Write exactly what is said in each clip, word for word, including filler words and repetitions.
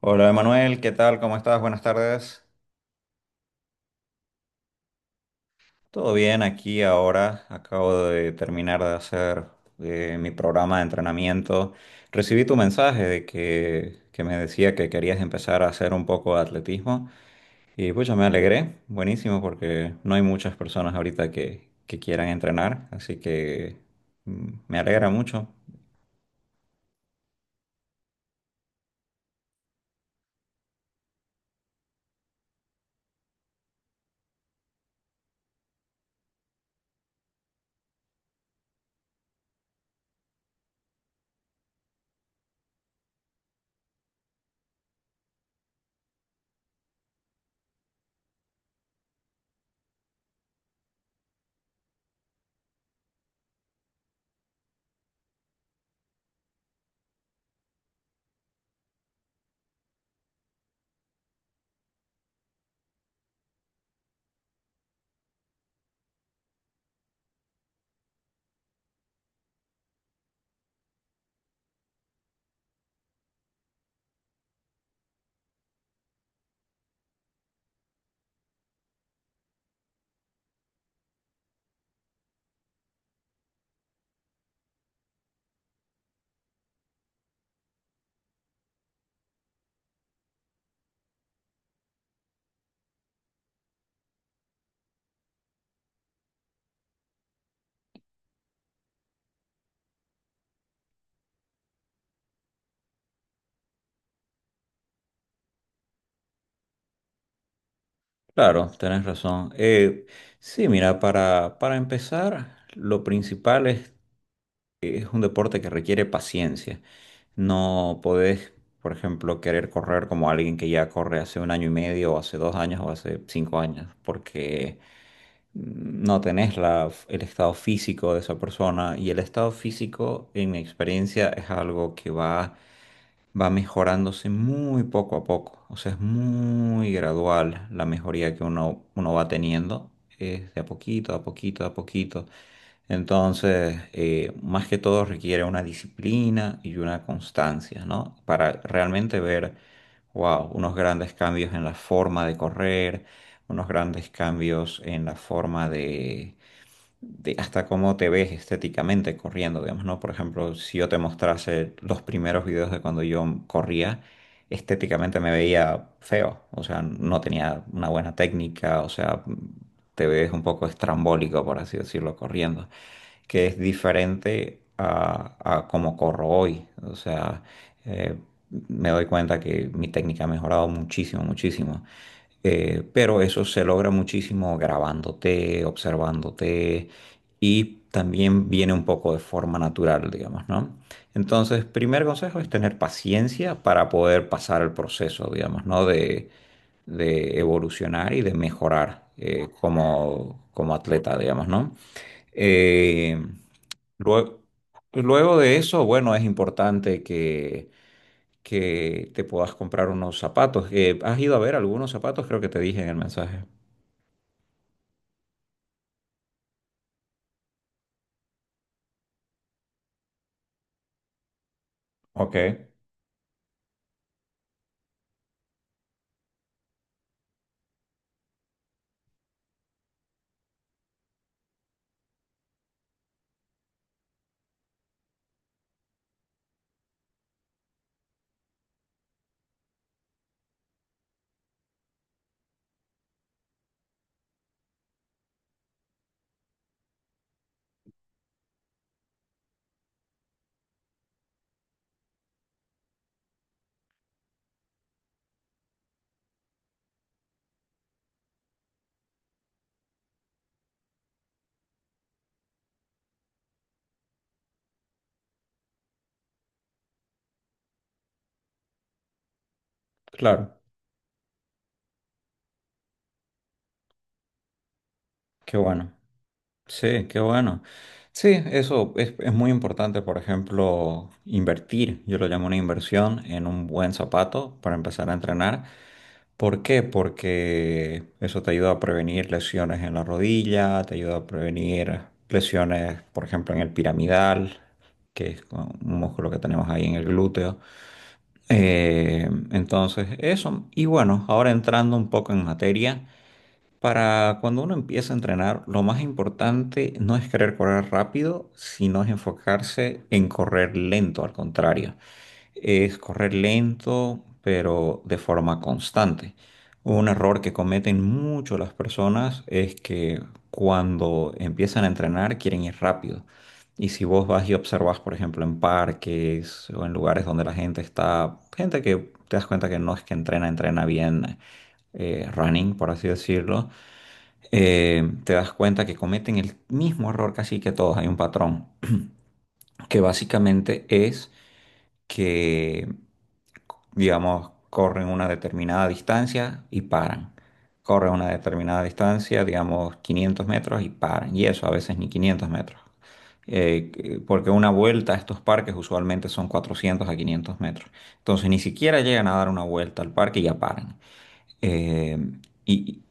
Hola Emanuel, ¿qué tal? ¿Cómo estás? Buenas tardes. Todo bien aquí ahora. Acabo de terminar de hacer eh, mi programa de entrenamiento. Recibí tu mensaje de que, que me decía que querías empezar a hacer un poco de atletismo y pues me alegré. Buenísimo porque no hay muchas personas ahorita que, que quieran entrenar, así que mm, me alegra mucho. Claro, tenés razón. Eh, sí, mira, para, para empezar, lo principal es es un deporte que requiere paciencia. No podés, por ejemplo, querer correr como alguien que ya corre hace un año y medio, o hace dos años, o hace cinco años, porque mm, no tenés la, el estado físico de esa persona. Y el estado físico, en mi experiencia, es algo que va va mejorándose muy poco a poco. O sea, es muy gradual la mejoría que uno, uno va teniendo. Es de a poquito, a poquito, a poquito. Entonces, eh, más que todo requiere una disciplina y una constancia, ¿no? Para realmente ver, wow, unos grandes cambios en la forma de correr, unos grandes cambios en la forma de de hasta cómo te ves estéticamente corriendo, digamos, ¿no? Por ejemplo, si yo te mostrase los primeros videos de cuando yo corría, estéticamente me veía feo, o sea, no tenía una buena técnica, o sea, te ves un poco estrambólico, por así decirlo, corriendo, que es diferente a, a cómo corro hoy, o sea, eh, me doy cuenta que mi técnica ha mejorado muchísimo, muchísimo. Eh, pero eso se logra muchísimo grabándote, observándote y también viene un poco de forma natural, digamos, ¿no? Entonces, primer consejo es tener paciencia para poder pasar el proceso, digamos, ¿no? De, de evolucionar y de mejorar eh, como, como atleta, digamos, ¿no? Eh, luego, luego de eso, bueno, es importante que que te puedas comprar unos zapatos. Eh, ¿has ido a ver algunos zapatos? Creo que te dije en el mensaje. Ok. Claro, qué bueno. Sí, qué bueno. Sí, eso es, es muy importante, por ejemplo, invertir, yo lo llamo una inversión en un buen zapato para empezar a entrenar. ¿Por qué? Porque eso te ayuda a prevenir lesiones en la rodilla, te ayuda a prevenir lesiones, por ejemplo, en el piramidal, que es un músculo que tenemos ahí en el glúteo. Eh, entonces, eso. Y bueno, ahora entrando un poco en materia, para cuando uno empieza a entrenar, lo más importante no es querer correr rápido, sino es enfocarse en correr lento, al contrario es correr lento, pero de forma constante. Un error que cometen mucho las personas es que cuando empiezan a entrenar quieren ir rápido. Y si vos vas y observas, por ejemplo, en parques o en lugares donde la gente está, gente que te das cuenta que no es que entrena, entrena bien eh, running, por así decirlo, eh, te das cuenta que cometen el mismo error casi que todos. Hay un patrón que básicamente es que digamos, corren una determinada distancia y paran. Corren una determinada distancia, digamos, quinientos metros y paran. Y eso a veces ni quinientos metros. Eh, que- porque una vuelta a estos parques usualmente son cuatrocientos a quinientos metros. Entonces ni siquiera llegan a dar una vuelta al parque y ya paran. Eh, y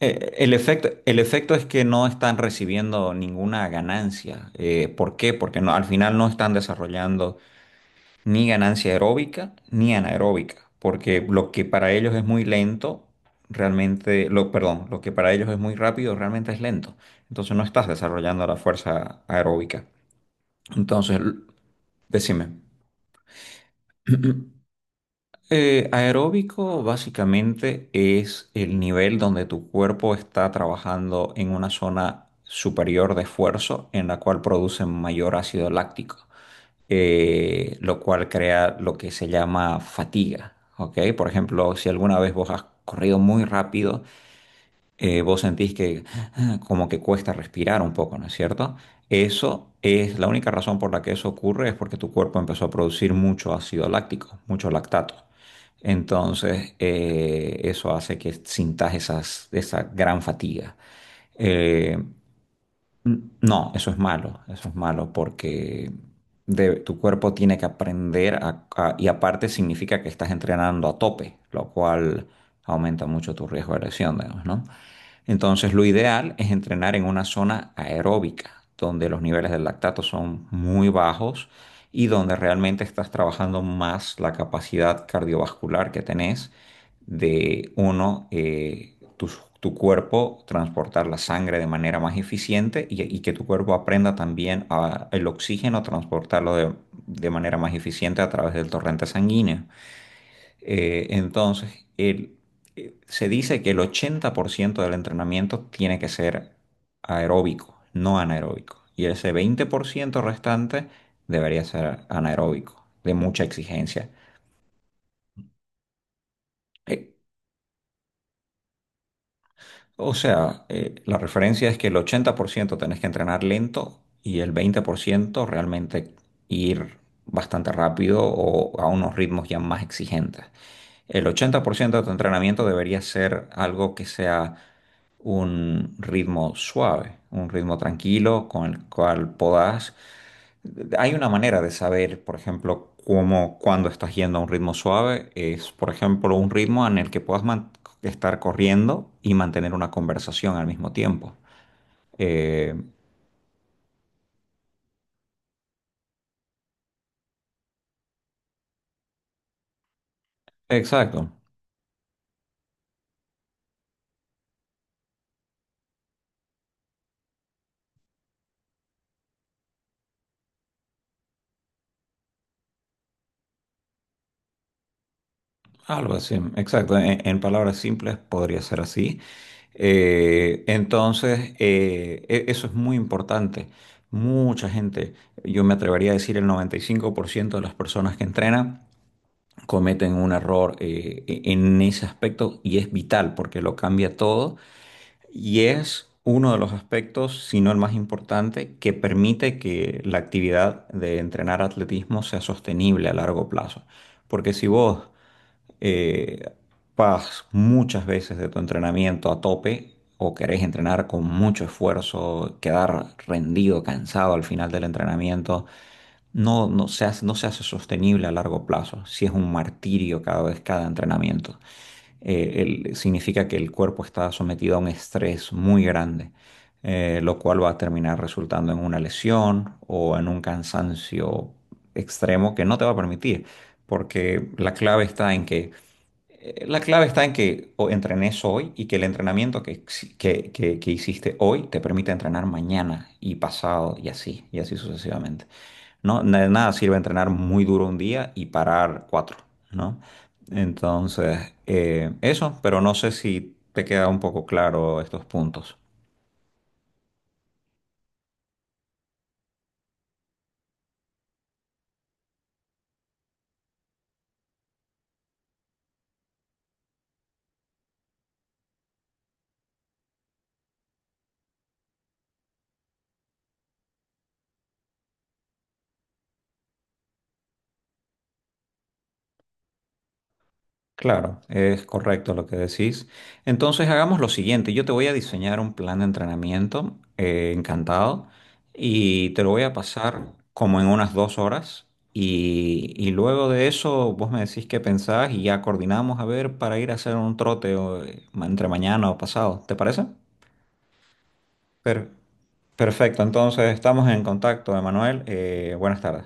eh, el efecto, el efecto es que no están recibiendo ninguna ganancia. Eh, ¿por qué? Porque no, al final no están desarrollando ni ganancia aeróbica ni anaeróbica, porque lo que para ellos es muy lento, realmente, lo, perdón, lo que para ellos es muy rápido, realmente es lento. Entonces no estás desarrollando la fuerza aeróbica. Entonces, l- Decime. Eh, aeróbico básicamente es el nivel donde tu cuerpo está trabajando en una zona superior de esfuerzo en la cual produce mayor ácido láctico. Eh, lo cual crea lo que se llama fatiga, ¿ok? Por ejemplo, si alguna vez vos has corrido muy rápido, eh, vos sentís que ah, como que cuesta respirar un poco, ¿no es cierto? Eso es la única razón por la que eso ocurre, es porque tu cuerpo empezó a producir mucho ácido láctico, mucho lactato. Entonces, eh, eso hace que sintas esas, esa gran fatiga. Eh, N- No, eso es malo, eso es malo porque de- tu cuerpo tiene que aprender a- a- y aparte significa que estás entrenando a tope, lo cual aumenta mucho tu riesgo de lesión, digamos, ¿no? Entonces, lo ideal es entrenar en una zona aeróbica, donde los niveles del lactato son muy bajos y donde realmente estás trabajando más la capacidad cardiovascular que tenés de, uno, eh, tu, tu cuerpo transportar la sangre de manera más eficiente y, y que tu cuerpo aprenda también a, el oxígeno transportarlo de de manera más eficiente a través del torrente sanguíneo. Eh, entonces, el- eh, Se dice que el ochenta por ciento del entrenamiento tiene que ser aeróbico, no anaeróbico. Y ese veinte por ciento restante debería ser anaeróbico, de mucha exigencia. Eh, o sea, eh, la referencia es que el ochenta por ciento tenés que entrenar lento y el veinte por ciento realmente ir bastante rápido o a unos ritmos ya más exigentes. El ochenta por ciento de tu entrenamiento debería ser algo que sea un ritmo suave, un ritmo tranquilo con el cual podás. Hay una manera de saber, por ejemplo, cómo, cuando estás yendo a un ritmo suave, es, por ejemplo, un ritmo en el que puedas man- estar corriendo y mantener una conversación al mismo tiempo. Eh, exacto. Algo así, exacto. En, en palabras simples podría ser así. Eh, entonces, eh, e- eso es muy importante. Mucha gente, yo me atrevería a decir el noventa y cinco por ciento de las personas que entrenan cometen un error eh, e- en ese aspecto y es vital porque lo cambia todo y es uno de los aspectos, si no el más importante, que permite que la actividad de entrenar atletismo sea sostenible a largo plazo. Porque si vos eh, vas muchas veces de tu entrenamiento a tope o querés entrenar con mucho esfuerzo, quedar rendido, cansado al final del entrenamiento, no, no se hace, no se hace sostenible a largo plazo. Si es un martirio cada vez cada entrenamiento, Eh, el- Significa que el cuerpo está sometido a un estrés muy grande. Eh, lo cual va a terminar resultando en una lesión o en un cansancio extremo que no te va a permitir, porque la clave está en que eh, la clave está en que o entrenes hoy y que el entrenamiento que, exi- que, que- que hiciste hoy te permite entrenar mañana y pasado y así, y así sucesivamente. No, Na- nada sirve entrenar muy duro un día y parar cuatro, ¿no? Entonces, eh, eso, pero no sé si te queda un poco claro estos puntos. Claro, es correcto lo que decís. Entonces hagamos lo siguiente, yo te voy a diseñar un plan de entrenamiento, eh, encantado, y te lo voy a pasar como en unas dos horas y, y luego de eso vos me decís qué pensás y ya coordinamos a ver para ir a hacer un trote o, eh, ma- entre mañana o pasado, ¿te parece? Per- perfecto, entonces estamos en contacto, Emanuel, eh, buenas tardes.